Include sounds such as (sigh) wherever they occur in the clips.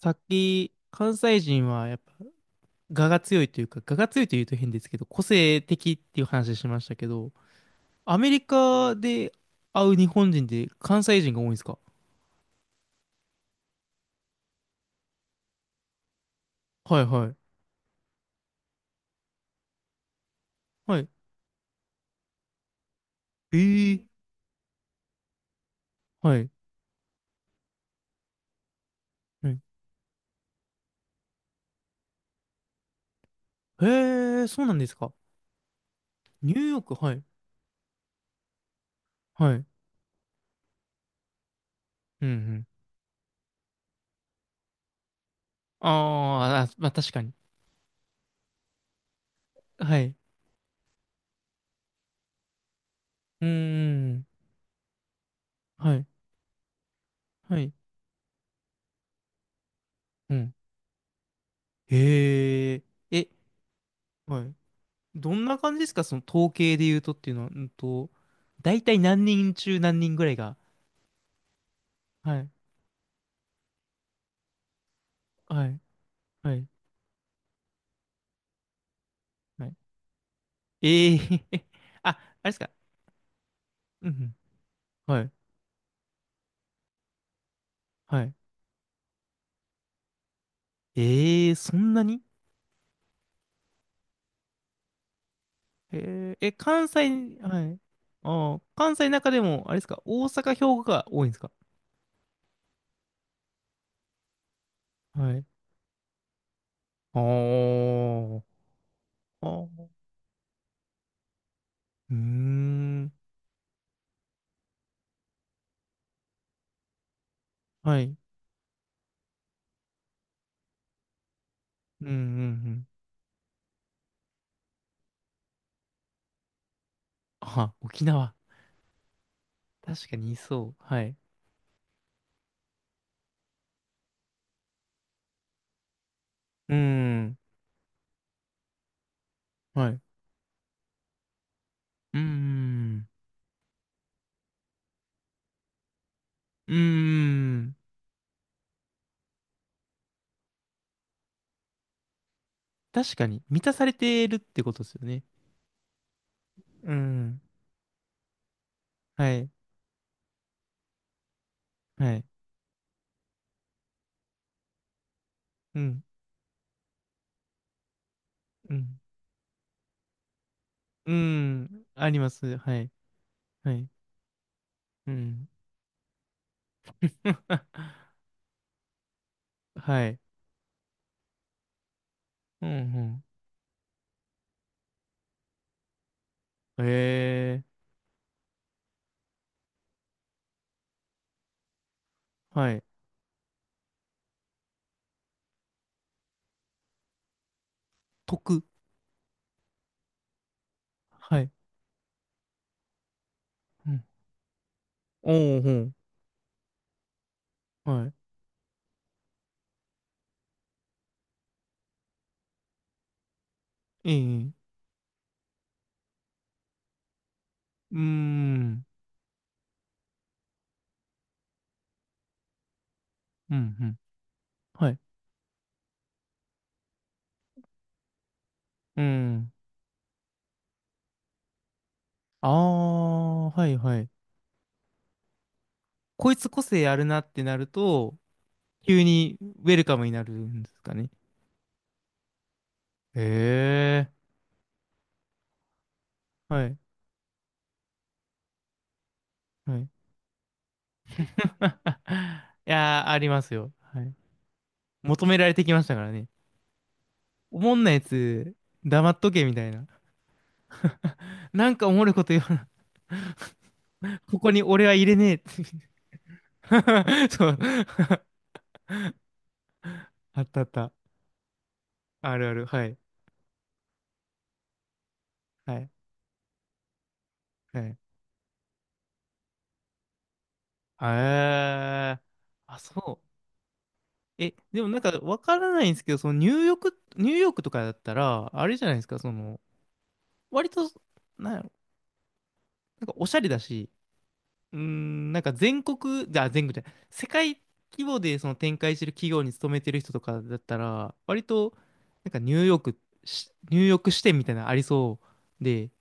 さっき、関西人はやっぱ、我が強いというか、我が強いというと変ですけど、個性的っていう話しましたけど、アメリカで会う日本人で関西人が多いんですか？はいはい。はい。えー、はい。はい。へえー、そうなんですか。ニューヨーク、はい。はい。うんうん。あーあ、まあ確かに。はい。うーん。はい。はい。うん。へえ。え、はい。どんな感じですかその統計で言うとっていうのは、大体何人中何人ぐらいが。はい、はい、はい、はい。ええ (laughs) あ、あれですか。うんうん、はい、はい。ええそんなにええ、関西、はい。ああ、関西の中でも、あれですか、大阪、兵庫が多いんですか？はい。あーあー、うーん、はい。うん、うん、うん。あ、沖縄。確かにいそう。はい。うーん、はい。うーん。うーん。確かに、満たされてるってことですよね。うん。はい。はい。うん。うん。うん。あります。はい。はい。うん。(laughs) はい。うん、うん。ええはい。得。はい。うん。おー、ほん。はい。ええうーん。うん、うん。はい。うん。ああ、はい、はい。こいつ個性あるなってなると、急にウェルカムになるんですかね。ええはい、はい。(laughs) いやー、ありますよ。はい。求められてきましたからね。おもんなやつ、黙っとけみたいな。(laughs) なんかおもろいこと言わな。ここに俺は入れねえって (laughs) そう。あったあった。あるある。はい。はい。はい。あー。あ、そう。え、でもなんかわからないんですけど、そのニューヨークとかだったら、あれじゃないですか、その、割と、なんやろ、なんかおしゃれだし、うーん、なんか全国じゃない、世界規模でその展開してる企業に勤めてる人とかだったら、割と、なんかニューヨーク支店みたいなのありそうで、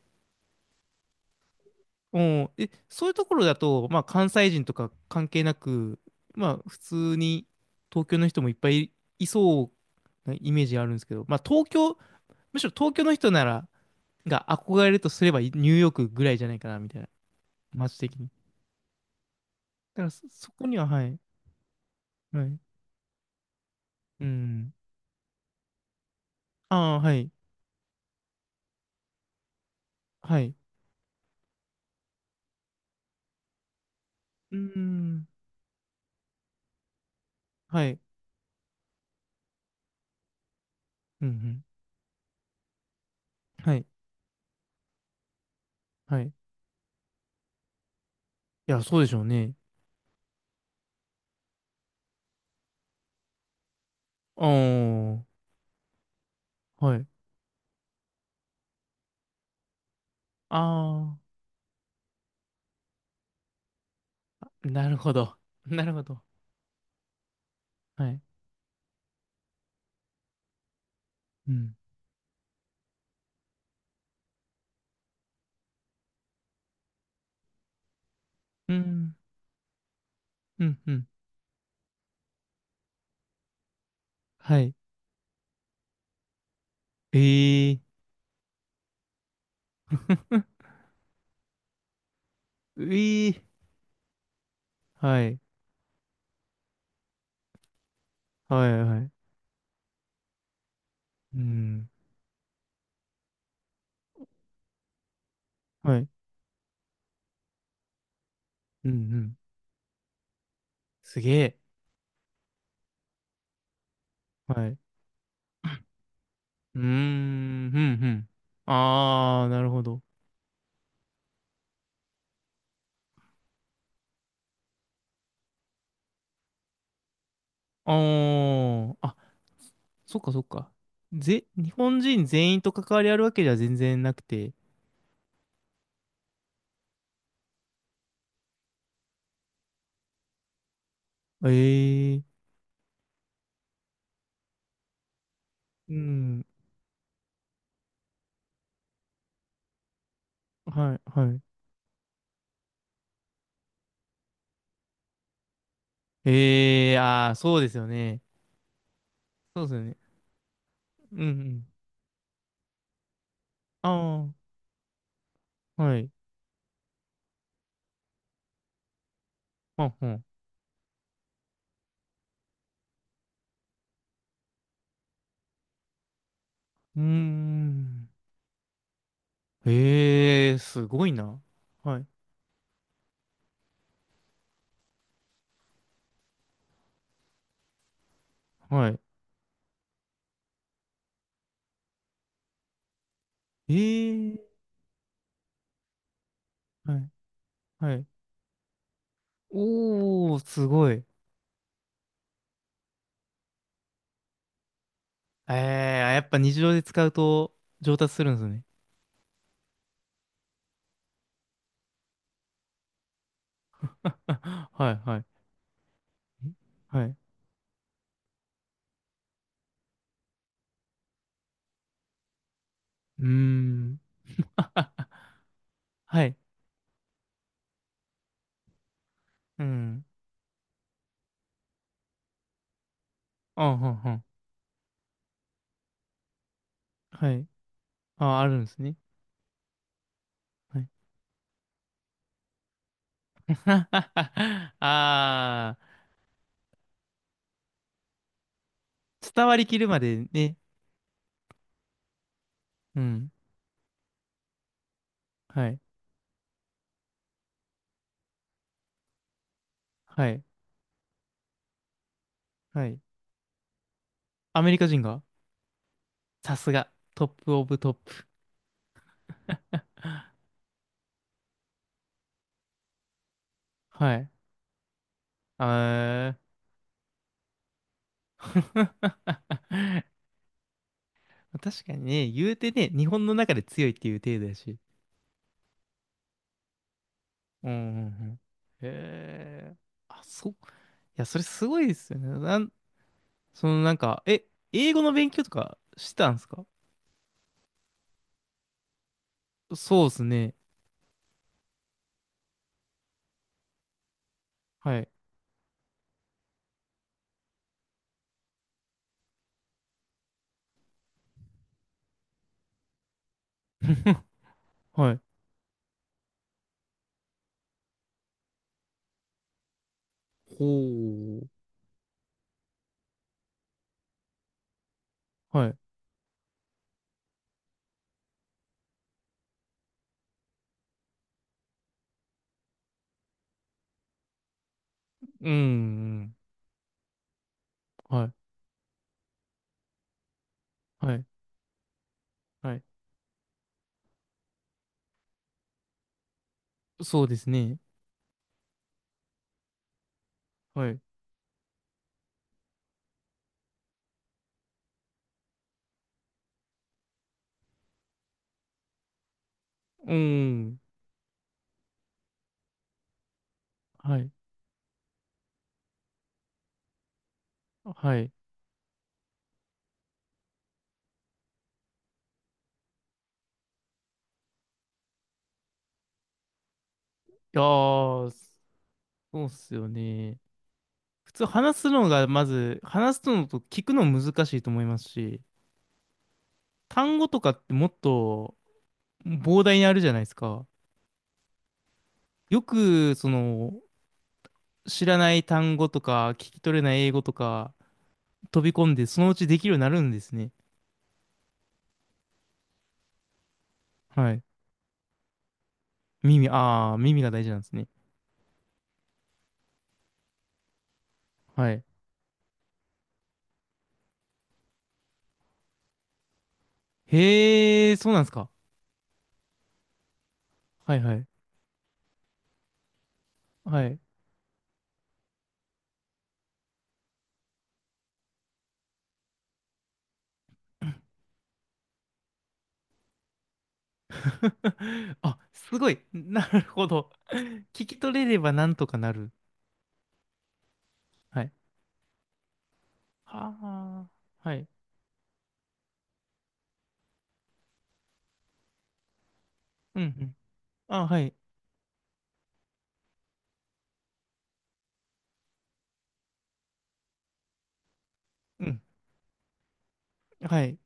うん、え、そういうところだと、まあ関西人とか関係なく、まあ普通に東京の人もいっぱいいそうなイメージあるんですけど、まあ東京、むしろ東京の人なら、が憧れるとすればニューヨークぐらいじゃないかな、みたいな、街的に。だからそこには、はい、はい、うん。ああ、はい。はい。うーん。はい。うん、うん。はい。はい。いや、そうでしょうね。ああ、はい。ああ、なるほど。(laughs) なるほど。はい。うん。うん。うん、うん。はい。ええー。(laughs) うえー。はい。はい、はい。うん。はい。うん、うん。すげえ。はい。うーん、うん、うん。ああ、なるほど。ああ、あ、そっかそっか。ぜ、日本人全員と関わりあるわけじゃ全然なくて。ええうん。はい、はい。ええああー、そうですよね。そうですよね。うん、うん。ああ、はい。はんはん。うーん。ええすごいな。はい、はい。ええはい、はい。おー、すごい。ええやっぱ日常で使うと上達するんですね。(laughs) はい、はい。んはい。うーん。(laughs) はい。うん。うん、うん、うん。はい。あ、あるんですね。はい。(laughs) ああ、伝わりきるまでね。うん。はい。はい。はい。アメリカ人がさすが。トップオブトップ。はい。あー (laughs) 確かにね、言うてね、日本の中で強いっていう程度やし。うん、うん、うん。へえ。あ、そう。いや、それすごいですよね。なんそのなんか、え、英語の勉強とかしてたんですか？そうですね。はい。(laughs) はい。ほう。はい。うん。はい。はい。はい。そうですね。はい。うん。はい。はい。いやー、そうっすよね。普通話すのが、まず、話すのと聞くの難しいと思いますし、単語とかってもっと膨大にあるじゃないですか。よく、その、知らない単語とか、聞き取れない英語とか、飛び込んで、そのうちできるようになるんですね。はい。耳、ああ、耳が大事なんですね。はい。へえ、そうなんですか。はいはい。はい。(laughs) あ、すごい。なるほど。聞き取れればなんとかなる。はい。はあ、はい。うんうん。あ、はい。うん。はい。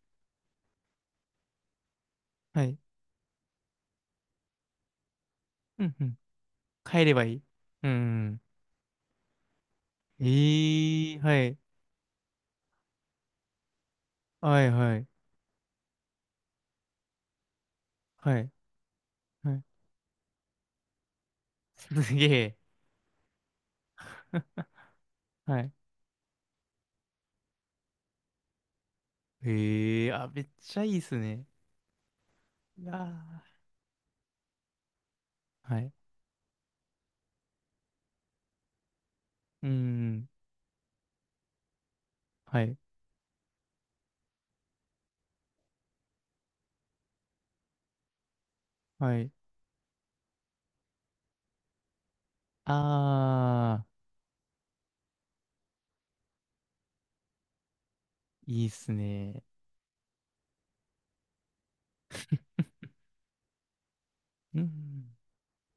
はい。うんうん。帰ればいい。うん。ええ、はい。はいはい。はい。はい。すげえ。はい。ええ、あ、めっちゃいいっすね。いやーはい。うん。はい。はい。ああ、いいっすね。うん。